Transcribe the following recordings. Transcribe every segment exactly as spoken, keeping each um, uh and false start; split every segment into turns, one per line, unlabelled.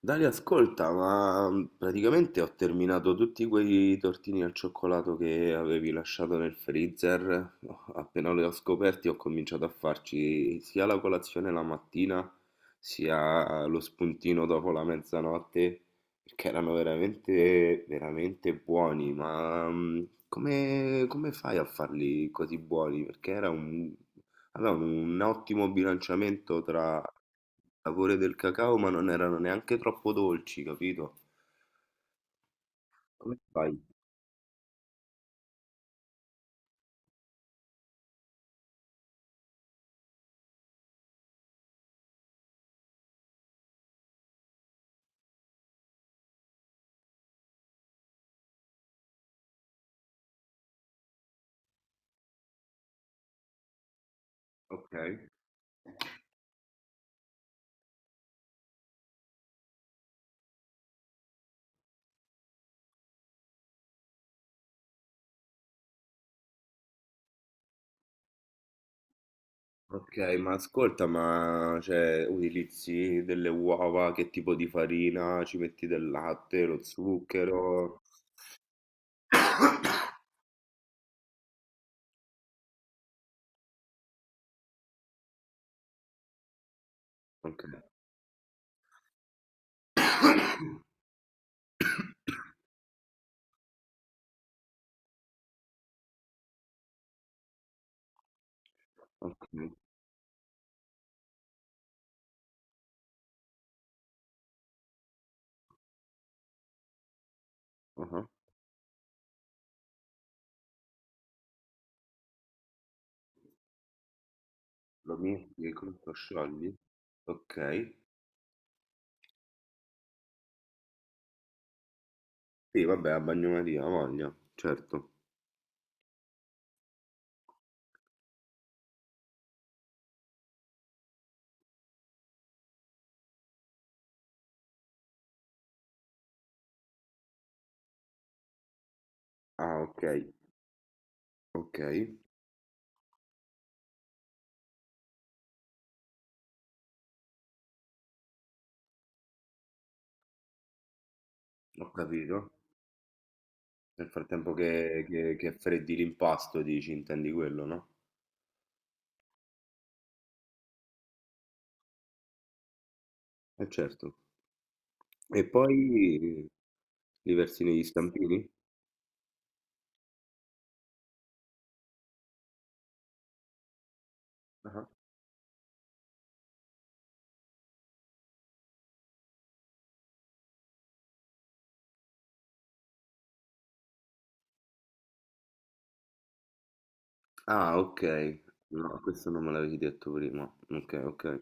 Dani, ascolta, ma mm, praticamente ho terminato tutti quei tortini al cioccolato che avevi lasciato nel freezer. No, appena li ho scoperti, ho cominciato a farci sia la colazione la mattina, sia lo spuntino dopo la mezzanotte, perché erano veramente, veramente buoni. Ma mm, come, come fai a farli così buoni? Perché era un allora, un ottimo bilanciamento tra il sapore del cacao, ma non erano neanche troppo dolci, capito? Come fai? Ok. Ok, ma ascolta, ma cioè, utilizzi delle uova, che tipo di farina? Ci metti del latte, lo zucchero? Ok, ok. Uh-huh. Lo metti e come lo sciogli? Ok. Sì, vabbè, a bagnomaria, ha voglia, certo. Ah, ok, ok, ho capito. Nel frattempo che, che, che freddi l'impasto, dici, intendi quello, no? Eh certo. E poi li versi negli stampini? Ah, ah, ok. No, questo non me l'avevi detto prima. Ok, ok,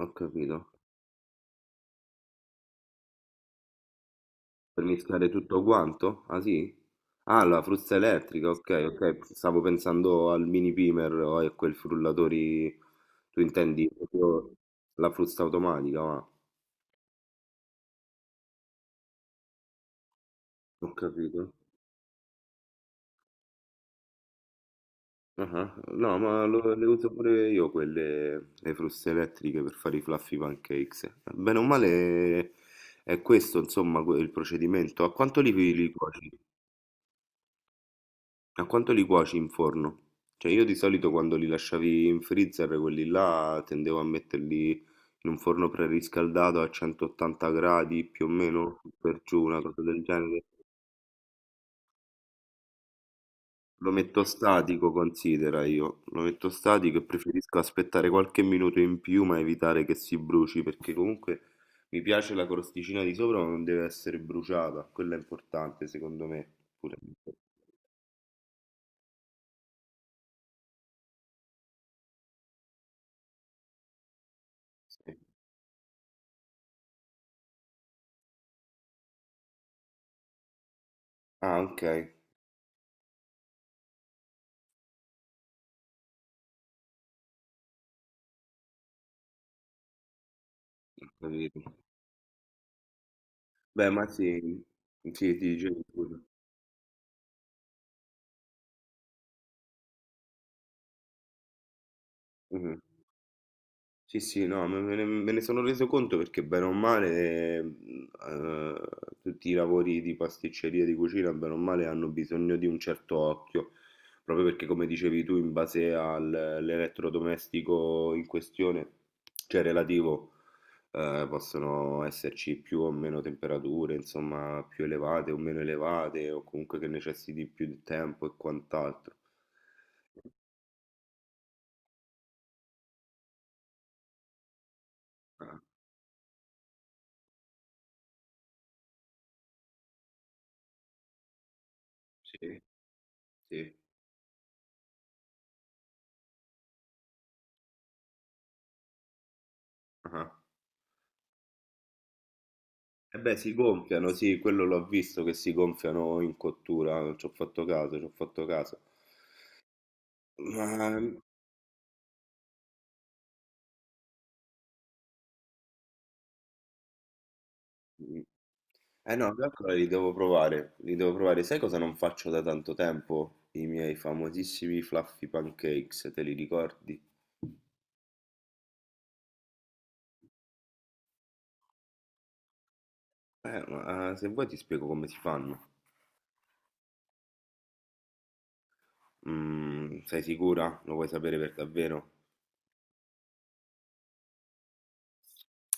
ho capito. Per mischiare tutto quanto? Ah, sì? Ah, la frusta elettrica, ok, ok. Stavo pensando al mini pimer o a quel frullatori... Tu intendi proprio la frusta automatica, ma... Ho capito. Ah, no, ma lo- le uso pure io quelle, le fruste elettriche per fare i fluffy pancakes. Bene o male è questo, insomma, que- il procedimento. A quanto li, li cuoci? A quanto li cuoci in forno? Cioè io di solito quando li lasciavi in freezer, quelli là, tendevo a metterli in un forno preriscaldato a centoottanta gradi più o meno, per giù, una cosa del genere. Lo metto statico, considera io. Lo metto statico e preferisco aspettare qualche minuto in più, ma evitare che si bruci, perché comunque mi piace la crosticina di sopra, ma non deve essere bruciata. Quello è importante, secondo me. Pure. Sì. Ah, ok, ho capito. Beh, ma sì, sì, ti dicevo pure. Sì, sì, no, me me ne, me ne sono reso conto perché bene o male mh, eh, tutti i lavori di pasticceria, di cucina, bene o male hanno bisogno di un certo occhio, proprio perché come dicevi tu, in base all'elettrodomestico in questione, cioè relativo, eh, possono esserci più o meno temperature, insomma, più elevate o meno elevate, o comunque che necessiti più di tempo e quant'altro. Ah, sì, sì. Ah. E beh, si gonfiano, sì, quello l'ho visto che si gonfiano in cottura, ci ho fatto caso, ci ho fatto caso. Ma... Eh no, allora li devo provare, li devo provare. Sai cosa non faccio da tanto tempo? I miei famosissimi fluffy pancakes, te li ricordi? Eh, ma eh, se vuoi ti spiego come si fanno. Mm, sei sicura? Lo vuoi sapere per davvero?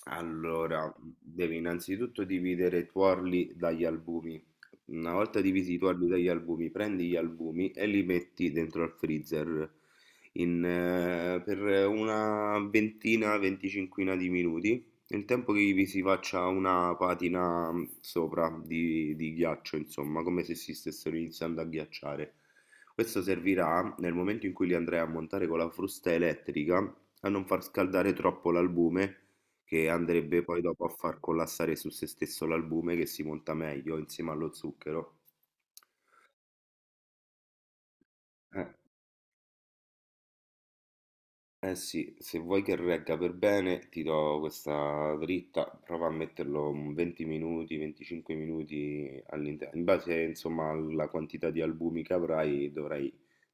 Allora, devi innanzitutto dividere i tuorli dagli albumi. Una volta divisi i tuorli dagli albumi, prendi gli albumi e li metti dentro al freezer in, eh, per una ventina, venticinquina di minuti, nel tempo che vi si faccia una patina mh, sopra di, di ghiaccio, insomma, come se si stessero iniziando a ghiacciare. Questo servirà nel momento in cui li andrai a montare con la frusta elettrica a non far scaldare troppo l'albume che andrebbe poi dopo a far collassare su se stesso l'albume che si monta meglio insieme allo zucchero. Eh. Eh sì, se vuoi che regga per bene, ti do questa dritta, prova a metterlo un venti minuti, venticinque minuti all'interno. In base, insomma, alla quantità di albumi che avrai, dovrai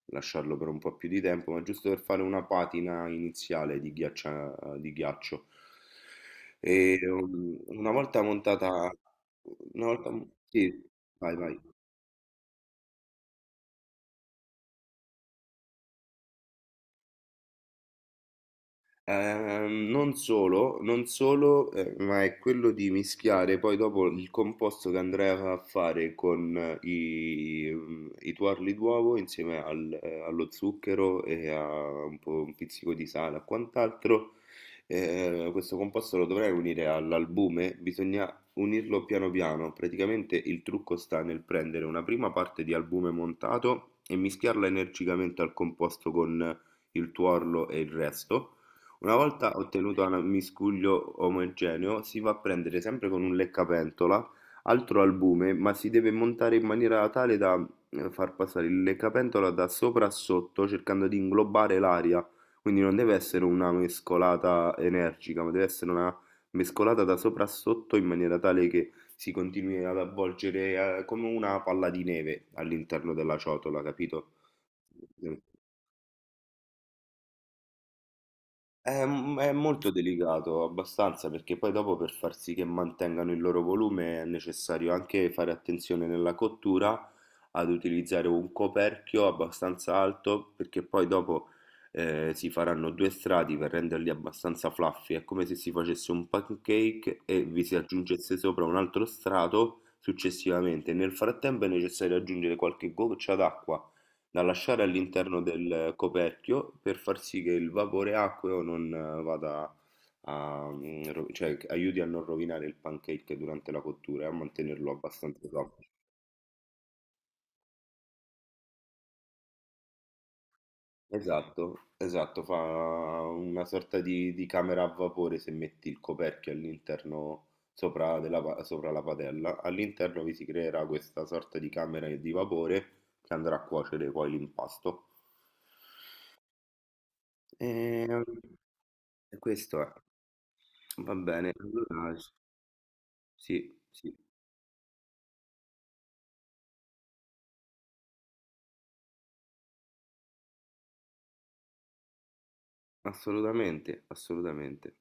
lasciarlo per un po' più di tempo, ma giusto per fare una patina iniziale di ghiaccia- di ghiaccio. E um, una volta montata, una volta, sì, vai, vai. Ehm, non solo, non solo, eh, ma è quello di mischiare poi dopo il composto che andrai a fare con eh, i, mm, i tuorli d'uovo insieme al- eh, allo zucchero e a un po' un pizzico di sale e quant'altro. Eh, questo composto lo dovrai unire all'albume, bisogna unirlo piano piano. Praticamente il trucco sta nel prendere una prima parte di albume montato e mischiarla energicamente al composto con il tuorlo e il resto. Una volta ottenuto un miscuglio omogeneo, si va a prendere sempre con un leccapentola altro albume, ma si deve montare in maniera tale da eh, far passare il leccapentola da sopra a sotto, cercando di inglobare l'aria. Quindi non deve essere una mescolata energica, ma deve essere una mescolata da sopra a sotto in maniera tale che si continui ad avvolgere eh, come una palla di neve all'interno della ciotola, capito? È, m- è molto delicato, abbastanza, perché poi dopo per far sì che mantengano il loro volume è necessario anche fare attenzione nella cottura ad utilizzare un coperchio abbastanza alto, perché poi dopo eh, si faranno due strati per renderli abbastanza fluffy. È come se si facesse un pancake e vi si aggiungesse sopra un altro strato successivamente. Nel frattempo è necessario aggiungere qualche goccia d'acqua da lasciare all'interno del coperchio per far sì che il vapore acqueo non eh, vada a, mm, ro- cioè che aiuti a non rovinare il pancake durante la cottura e a mantenerlo abbastanza sopido. Esatto, esatto, fa una sorta di, di camera a vapore se metti il coperchio all'interno sopra, della pa- sopra la padella. All'interno vi si creerà questa sorta di camera di vapore che andrà a cuocere poi l'impasto. Ehm, E questo è. Va bene, allora sì, sì, assolutamente, assolutamente.